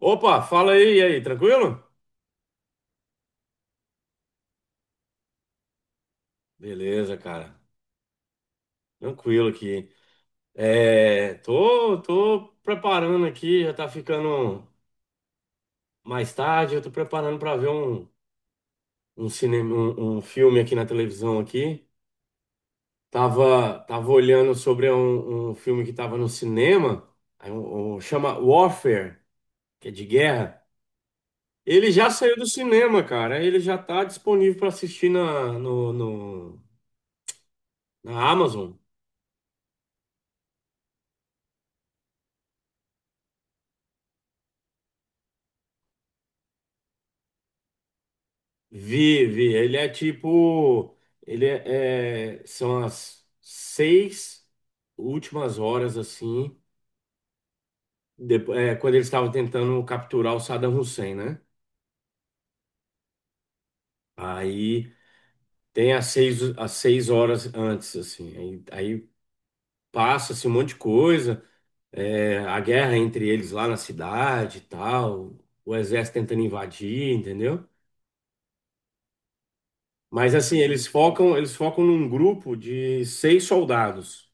Opa, fala aí, e aí, tranquilo? Beleza, cara. Tranquilo aqui. É, tô preparando aqui, já tá ficando mais tarde, eu tô preparando pra ver um filme aqui na televisão aqui. Tava olhando sobre um filme que tava no cinema, aí chama Warfare, que é de guerra. Ele já saiu do cinema, cara. Ele já tá disponível pra assistir na, no, no- na Amazon. Vi, vi. Ele é tipo. São as 6 últimas horas, assim, depois, é, quando eles estavam tentando capturar o Saddam Hussein, né? Aí tem as seis horas antes, assim. Aí passa-se um monte de coisa. É, a guerra entre eles lá na cidade e tal. O exército tentando invadir, entendeu? Mas assim, eles focam num grupo de seis soldados.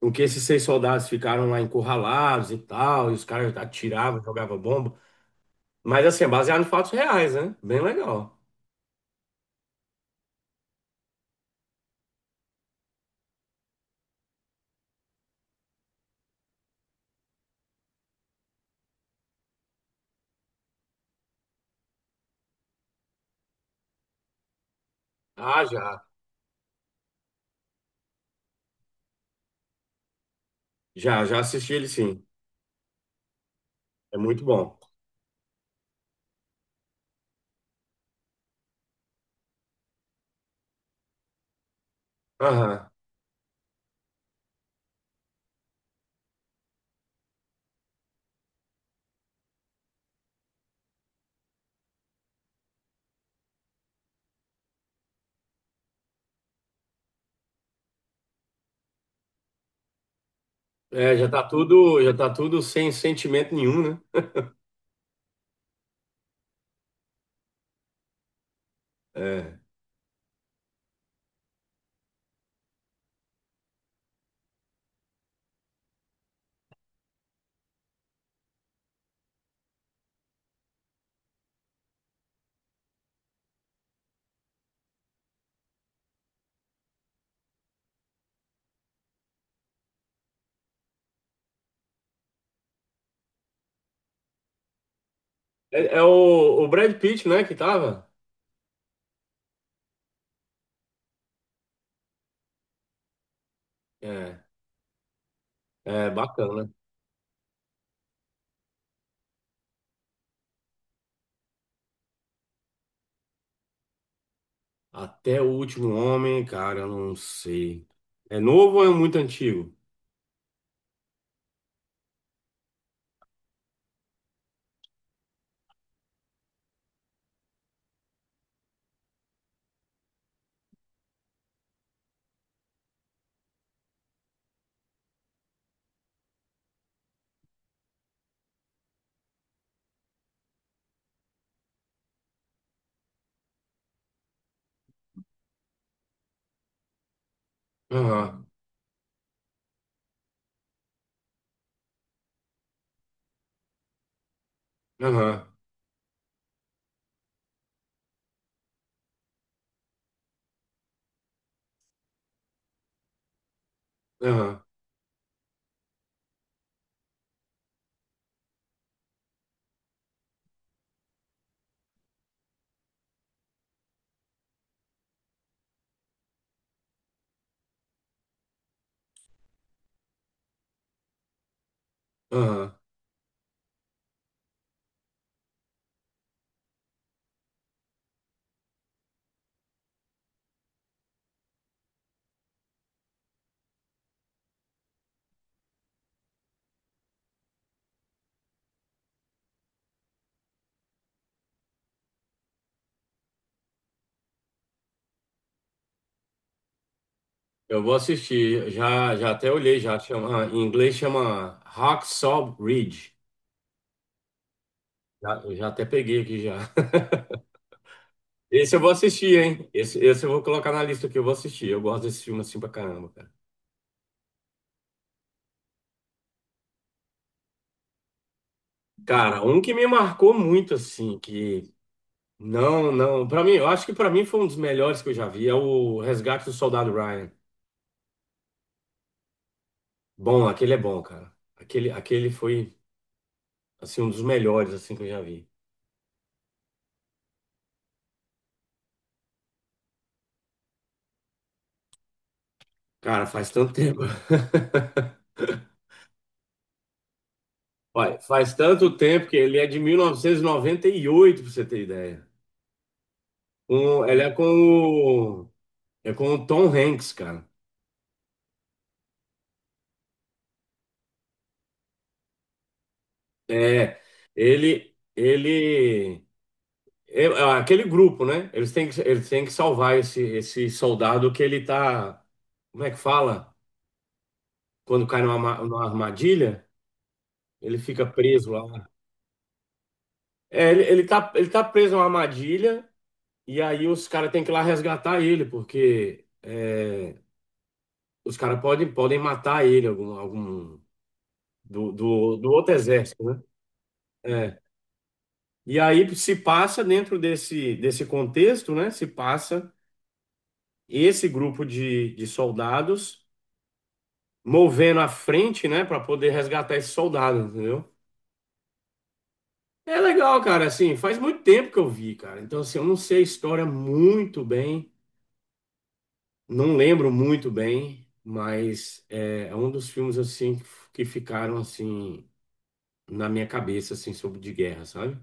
Com que esses seis soldados ficaram lá encurralados e tal, e os caras atiravam, jogavam bomba. Mas assim, é baseado em fatos reais, né? Bem legal. Ah, já. Já assisti ele sim. É muito bom. Aham. É, já tá tudo sem sentimento nenhum, né? É. É o Brad Pitt, né, que tava? É, é bacana. Até o último homem, cara, eu não sei. É novo ou é muito antigo? Aham, aham, aham, aham. Eu vou assistir. Já até olhei, já chama, em inglês chama Hacksaw Ridge. Já, eu já até peguei aqui já. Esse eu vou assistir, hein? Esse eu vou colocar na lista que eu vou assistir. Eu gosto desse filme assim pra caramba, cara. Cara, um que me marcou muito assim, que não, não, pra mim, eu acho que pra mim foi um dos melhores que eu já vi, é o Resgate do Soldado Ryan. Bom, aquele é bom, cara. Aquele foi assim um dos melhores assim que eu já vi. Cara, faz tanto tempo. Olha, faz tanto tempo que ele é de mil novecentos e noventa e oito, pra você ter ideia. Ele é com o Tom Hanks, cara. É, ele, ele, É aquele grupo, né? Eles têm que salvar esse soldado que ele tá, como é que fala? Quando cai numa armadilha, ele fica preso lá. É, ele tá preso numa armadilha e aí os caras têm que ir lá resgatar ele, porque os caras podem matar ele, algum do outro exército, né? É. E aí se passa dentro desse contexto, né? Se passa esse grupo de soldados movendo à frente, né? Para poder resgatar esses soldados, entendeu? É legal, cara. Assim, faz muito tempo que eu vi, cara. Então, assim, eu não sei a história muito bem, não lembro muito bem, mas é um dos filmes assim que ficaram assim na minha cabeça, assim, sobre de guerra, sabe?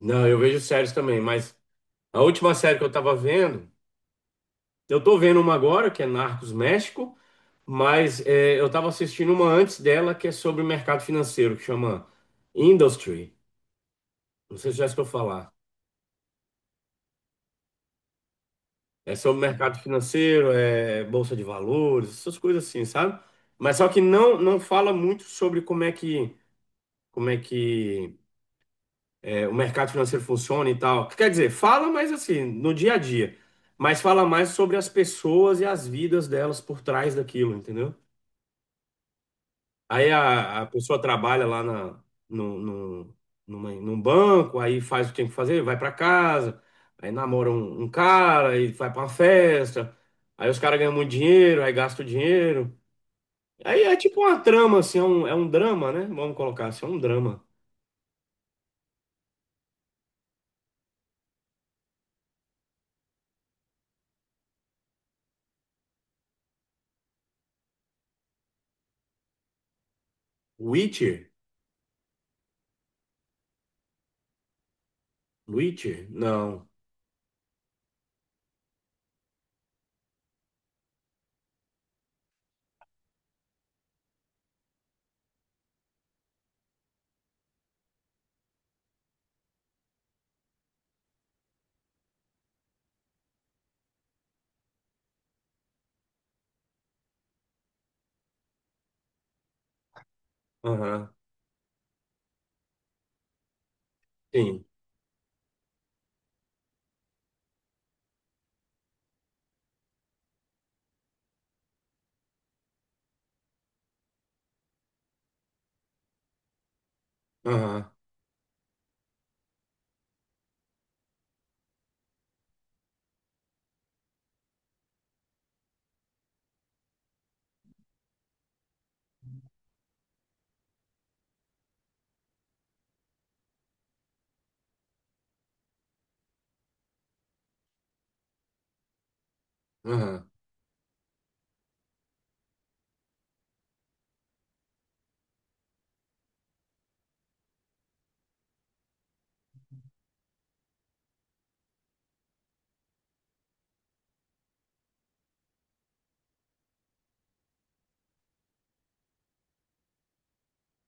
Não, eu vejo séries também, mas a última série que eu tava vendo, eu tô vendo uma agora, que é Narcos México, mas eu tava assistindo uma antes dela, que é sobre o mercado financeiro, que chama Industry. Não sei se já escutou falar. É sobre mercado financeiro, é bolsa de valores, essas coisas assim, sabe? Mas só que não não fala muito sobre como é que o mercado financeiro funciona e tal. Quer dizer, fala, mais assim, no dia a dia. Mas fala mais sobre as pessoas e as vidas delas por trás daquilo, entendeu? Aí a pessoa trabalha lá na, no, no, numa- num banco, aí faz o que tem que fazer, vai pra casa, aí namora um cara, aí vai pra uma festa, aí os caras ganham muito dinheiro, aí gasta o dinheiro. Aí é tipo uma trama, assim, é um drama, né? Vamos colocar assim, é um drama. Witcher? Witcher? Não. Aham. Sim. Aham, aham,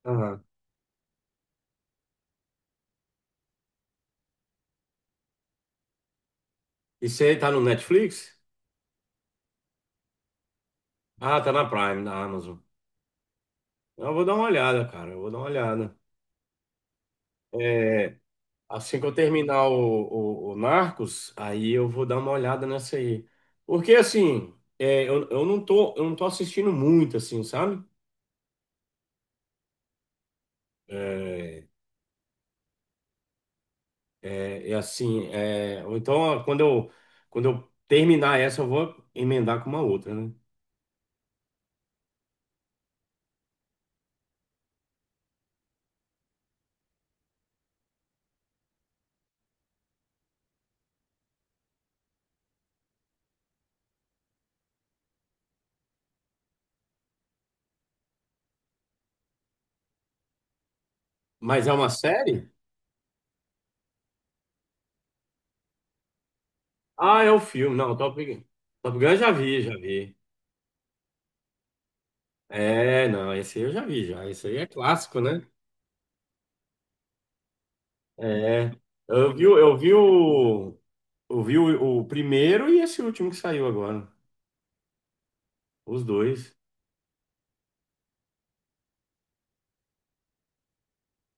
aham. E aí tá no Netflix? Ah, tá na Prime, na Amazon. Eu vou dar uma olhada, cara. Eu vou dar uma olhada. É, assim que eu terminar o Narcos, aí eu vou dar uma olhada nessa aí. Porque assim, eu não tô assistindo muito, assim, sabe? É, é assim, ou então quando eu terminar essa, eu vou emendar com uma outra, né? Mas é uma série? Ah, é o filme. Não, Top Gun. Top Gun eu já vi, já vi. É, não, esse aí eu já vi já. Esse aí é clássico, né? É. Eu vi o primeiro e esse último que saiu agora. Os dois.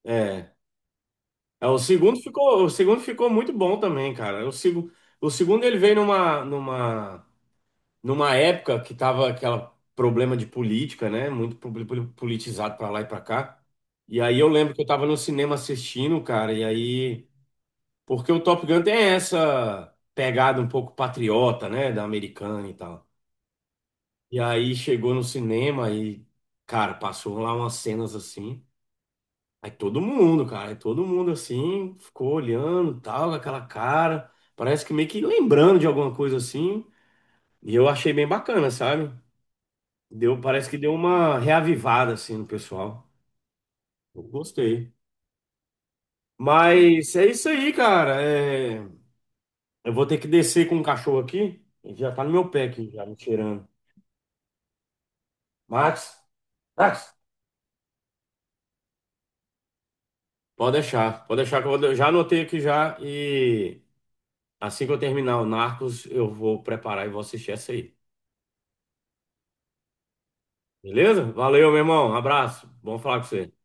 É. É, o segundo ficou muito bom também, cara. O segundo ele veio numa época que tava aquele problema de política, né? Muito politizado pra lá e pra cá. E aí eu lembro que eu tava no cinema assistindo, cara, e aí. Porque o Top Gun tem essa pegada um pouco patriota, né? Da americana e tal. E aí chegou no cinema e, cara, passou lá umas cenas assim. Aí todo mundo, cara, aí todo mundo assim, ficou olhando, tal, com aquela cara. Parece que meio que lembrando de alguma coisa assim. E eu achei bem bacana, sabe? Deu, parece que deu uma reavivada assim no pessoal. Eu gostei. Mas é isso aí, cara. Eu vou ter que descer com o cachorro aqui. Ele já tá no meu pé aqui, já me cheirando. Max, Max, pode deixar, pode deixar que eu vou, já anotei aqui já e assim que eu terminar o Narcos, eu vou preparar e vou assistir essa aí. Beleza? Valeu, meu irmão. Um abraço. Bom falar com você.